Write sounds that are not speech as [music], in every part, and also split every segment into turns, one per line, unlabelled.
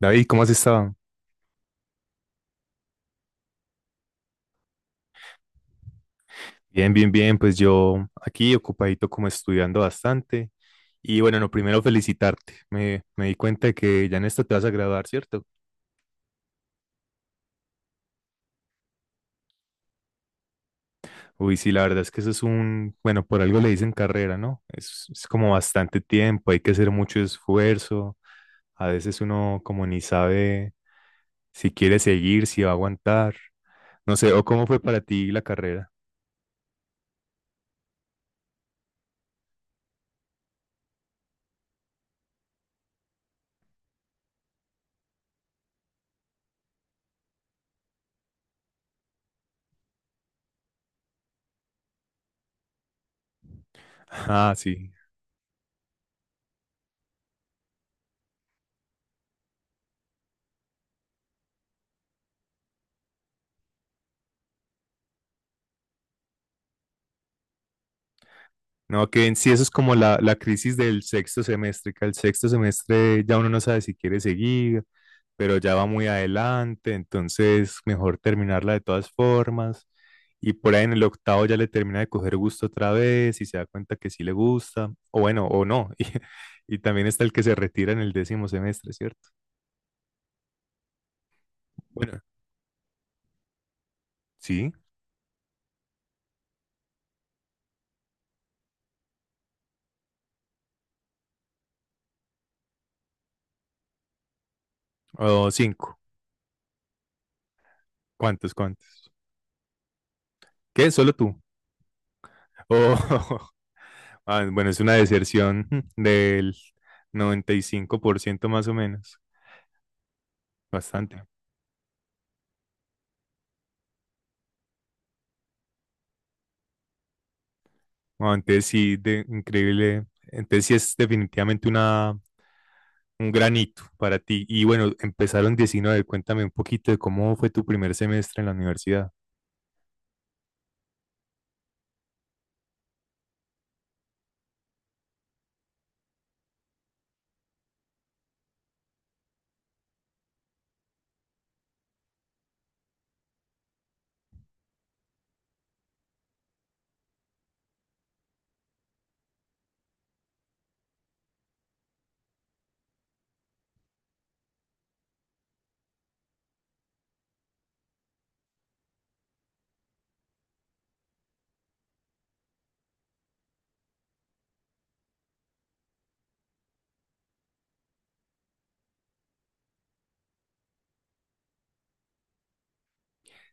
David, ¿cómo has estado? Bien, bien, bien. Pues yo aquí ocupadito como estudiando bastante. Y bueno, no, primero felicitarte. Me di cuenta de que ya en esto te vas a graduar, ¿cierto? Uy, sí, la verdad es que eso es un, bueno, por algo le dicen carrera, ¿no? Es como bastante tiempo, hay que hacer mucho esfuerzo. A veces uno como ni sabe si quiere seguir, si va a aguantar. No sé, ¿o cómo fue para ti la carrera? [laughs] Ah, sí. No, que en sí eso es como la crisis del sexto semestre, que al sexto semestre ya uno no sabe si quiere seguir, pero ya va muy adelante, entonces mejor terminarla de todas formas. Y por ahí en el octavo ya le termina de coger gusto otra vez y se da cuenta que sí le gusta, o bueno, o no. [laughs] Y también está el que se retira en el décimo semestre, ¿cierto? Bueno, sí, o cinco. ¿Cuántos, cuántos? ¿Qué? ¿Solo tú? O [laughs] Ah, bueno, es una deserción [laughs] del 95% más o menos, bastante. No, entonces sí, de, increíble. Entonces sí es definitivamente una, un granito para ti. Y bueno, empezaron 19. Cuéntame un poquito de cómo fue tu primer semestre en la universidad.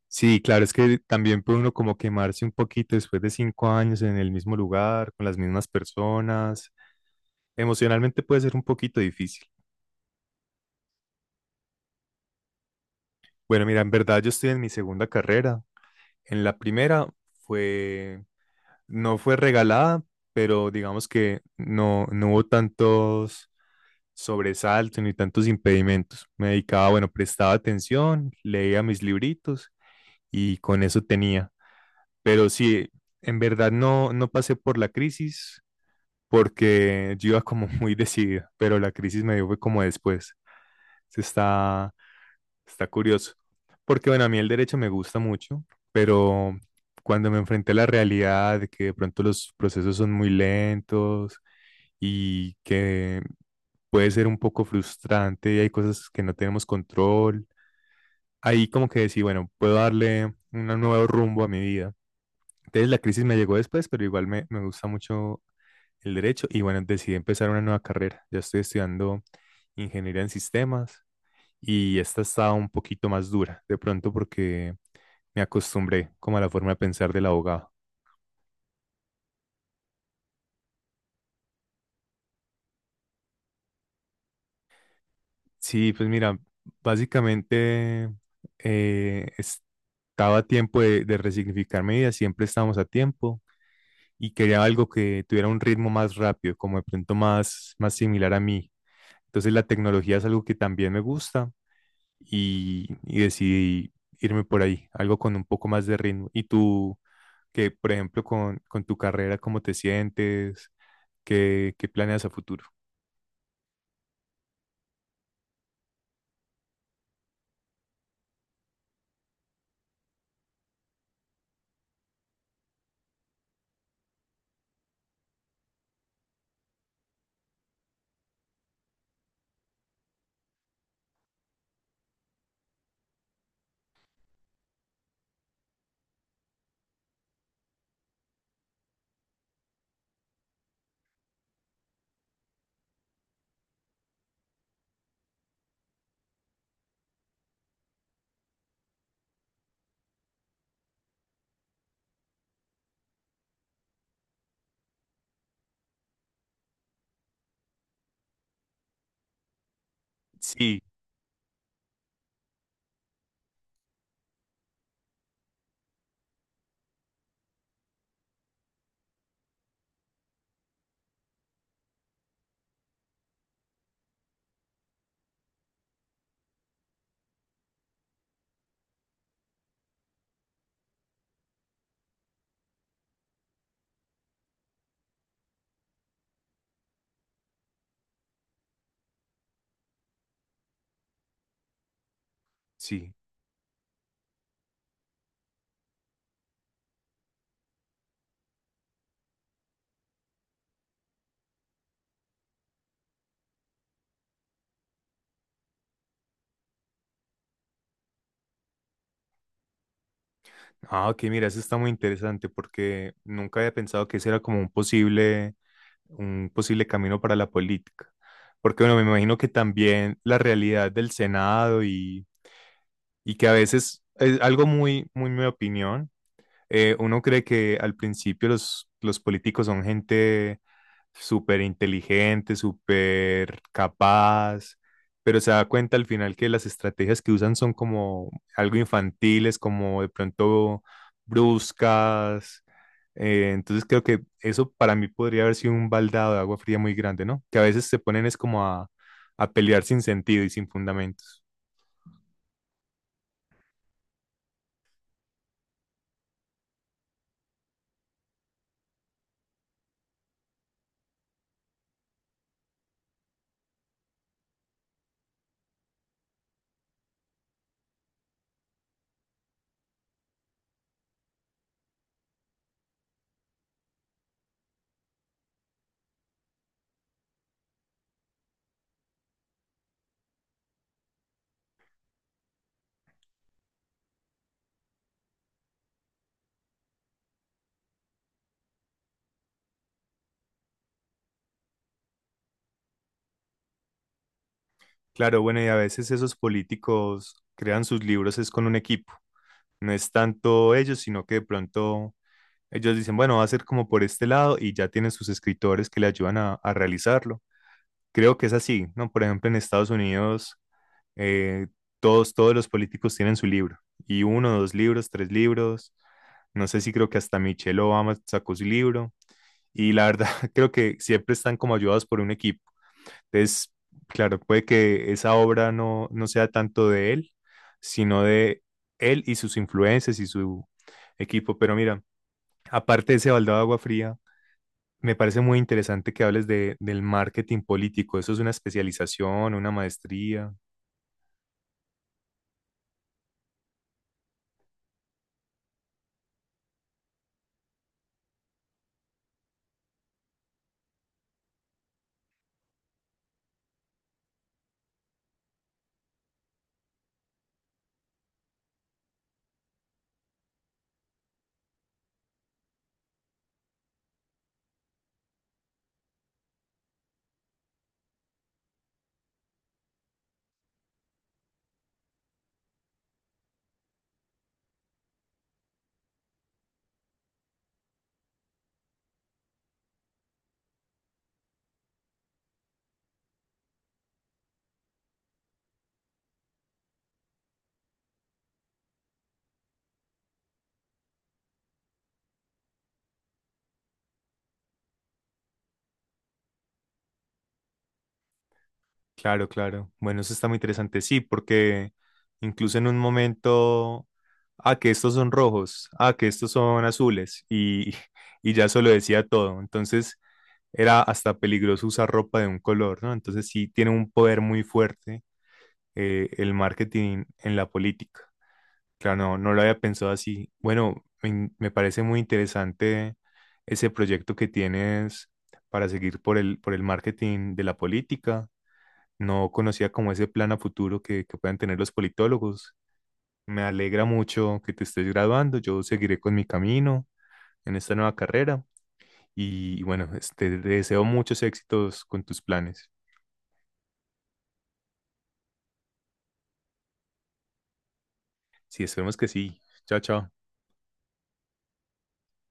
Sí, claro, es que también puede uno como quemarse un poquito después de 5 años en el mismo lugar, con las mismas personas. Emocionalmente puede ser un poquito difícil. Bueno, mira, en verdad yo estoy en mi segunda carrera. En la primera fue, no fue regalada, pero digamos que no hubo tantos sobresaltos ni tantos impedimentos. Me dedicaba, bueno, prestaba atención, leía mis libritos y con eso tenía. Pero sí, en verdad no pasé por la crisis porque yo iba como [laughs] muy decidido. Pero la crisis me dio fue como después. Se está... Está curioso. Porque bueno, a mí el derecho me gusta mucho, pero cuando me enfrenté a la realidad de que de pronto los procesos son muy lentos y que puede ser un poco frustrante y hay cosas que no tenemos control, ahí como que decía, bueno, puedo darle un nuevo rumbo a mi vida. Entonces la crisis me llegó después, pero igual me gusta mucho el derecho y bueno, decidí empezar una nueva carrera. Ya estoy estudiando ingeniería en sistemas y esta estaba un poquito más dura, de pronto porque me acostumbré como a la forma de pensar del abogado. Sí, pues mira, básicamente estaba a tiempo de resignificar mi vida, siempre estábamos a tiempo y quería algo que tuviera un ritmo más rápido, como de pronto más, más similar a mí. Entonces la tecnología es algo que también me gusta y decidí irme por ahí, algo con un poco más de ritmo. ¿Y tú, que por ejemplo, con tu carrera, cómo te sientes? ¿Qué, qué planeas a futuro? Sí, sí. Ah, ok, mira, eso está muy interesante porque nunca había pensado que ese era como un posible camino para la política. Porque, bueno, me imagino que también la realidad del Senado y que a veces es algo muy, muy mi opinión. Uno cree que al principio los políticos son gente súper inteligente, súper capaz, pero se da cuenta al final que las estrategias que usan son como algo infantiles, como de pronto bruscas. Entonces creo que eso para mí podría haber sido un baldado de agua fría muy grande, ¿no? Que a veces se ponen es como a pelear sin sentido y sin fundamentos. Claro, bueno, y a veces esos políticos crean sus libros es con un equipo. No es tanto ellos, sino que de pronto ellos dicen, bueno, va a ser como por este lado y ya tienen sus escritores que le ayudan a realizarlo. Creo que es así, ¿no? Por ejemplo, en Estados Unidos, eh, todos los políticos tienen su libro y uno, dos libros, tres libros. No sé si creo que hasta Michelle Obama sacó su libro. Y la verdad, [laughs] creo que siempre están como ayudados por un equipo. Entonces, claro, puede que esa obra no sea tanto de él, sino de él y sus influencias y su equipo. Pero mira, aparte de ese baldado de agua fría, me parece muy interesante que hables de, del marketing político. ¿Eso es una especialización, una maestría? Claro, claro. Bueno, eso está muy interesante. Sí, porque incluso en un momento, ah, que estos son rojos, ah, que estos son azules, y, [laughs] y ya eso lo decía todo. Entonces, era hasta peligroso usar ropa de un color, ¿no? Entonces sí tiene un poder muy fuerte el marketing en la política. Claro, no, no lo había pensado así. Bueno, me parece muy interesante ese proyecto que tienes para seguir por el marketing de la política. No conocía como ese plan a futuro que puedan tener los politólogos. Me alegra mucho que te estés graduando. Yo seguiré con mi camino en esta nueva carrera. Y bueno, este, te deseo muchos éxitos con tus planes. Sí, esperemos que sí. Chao, chao.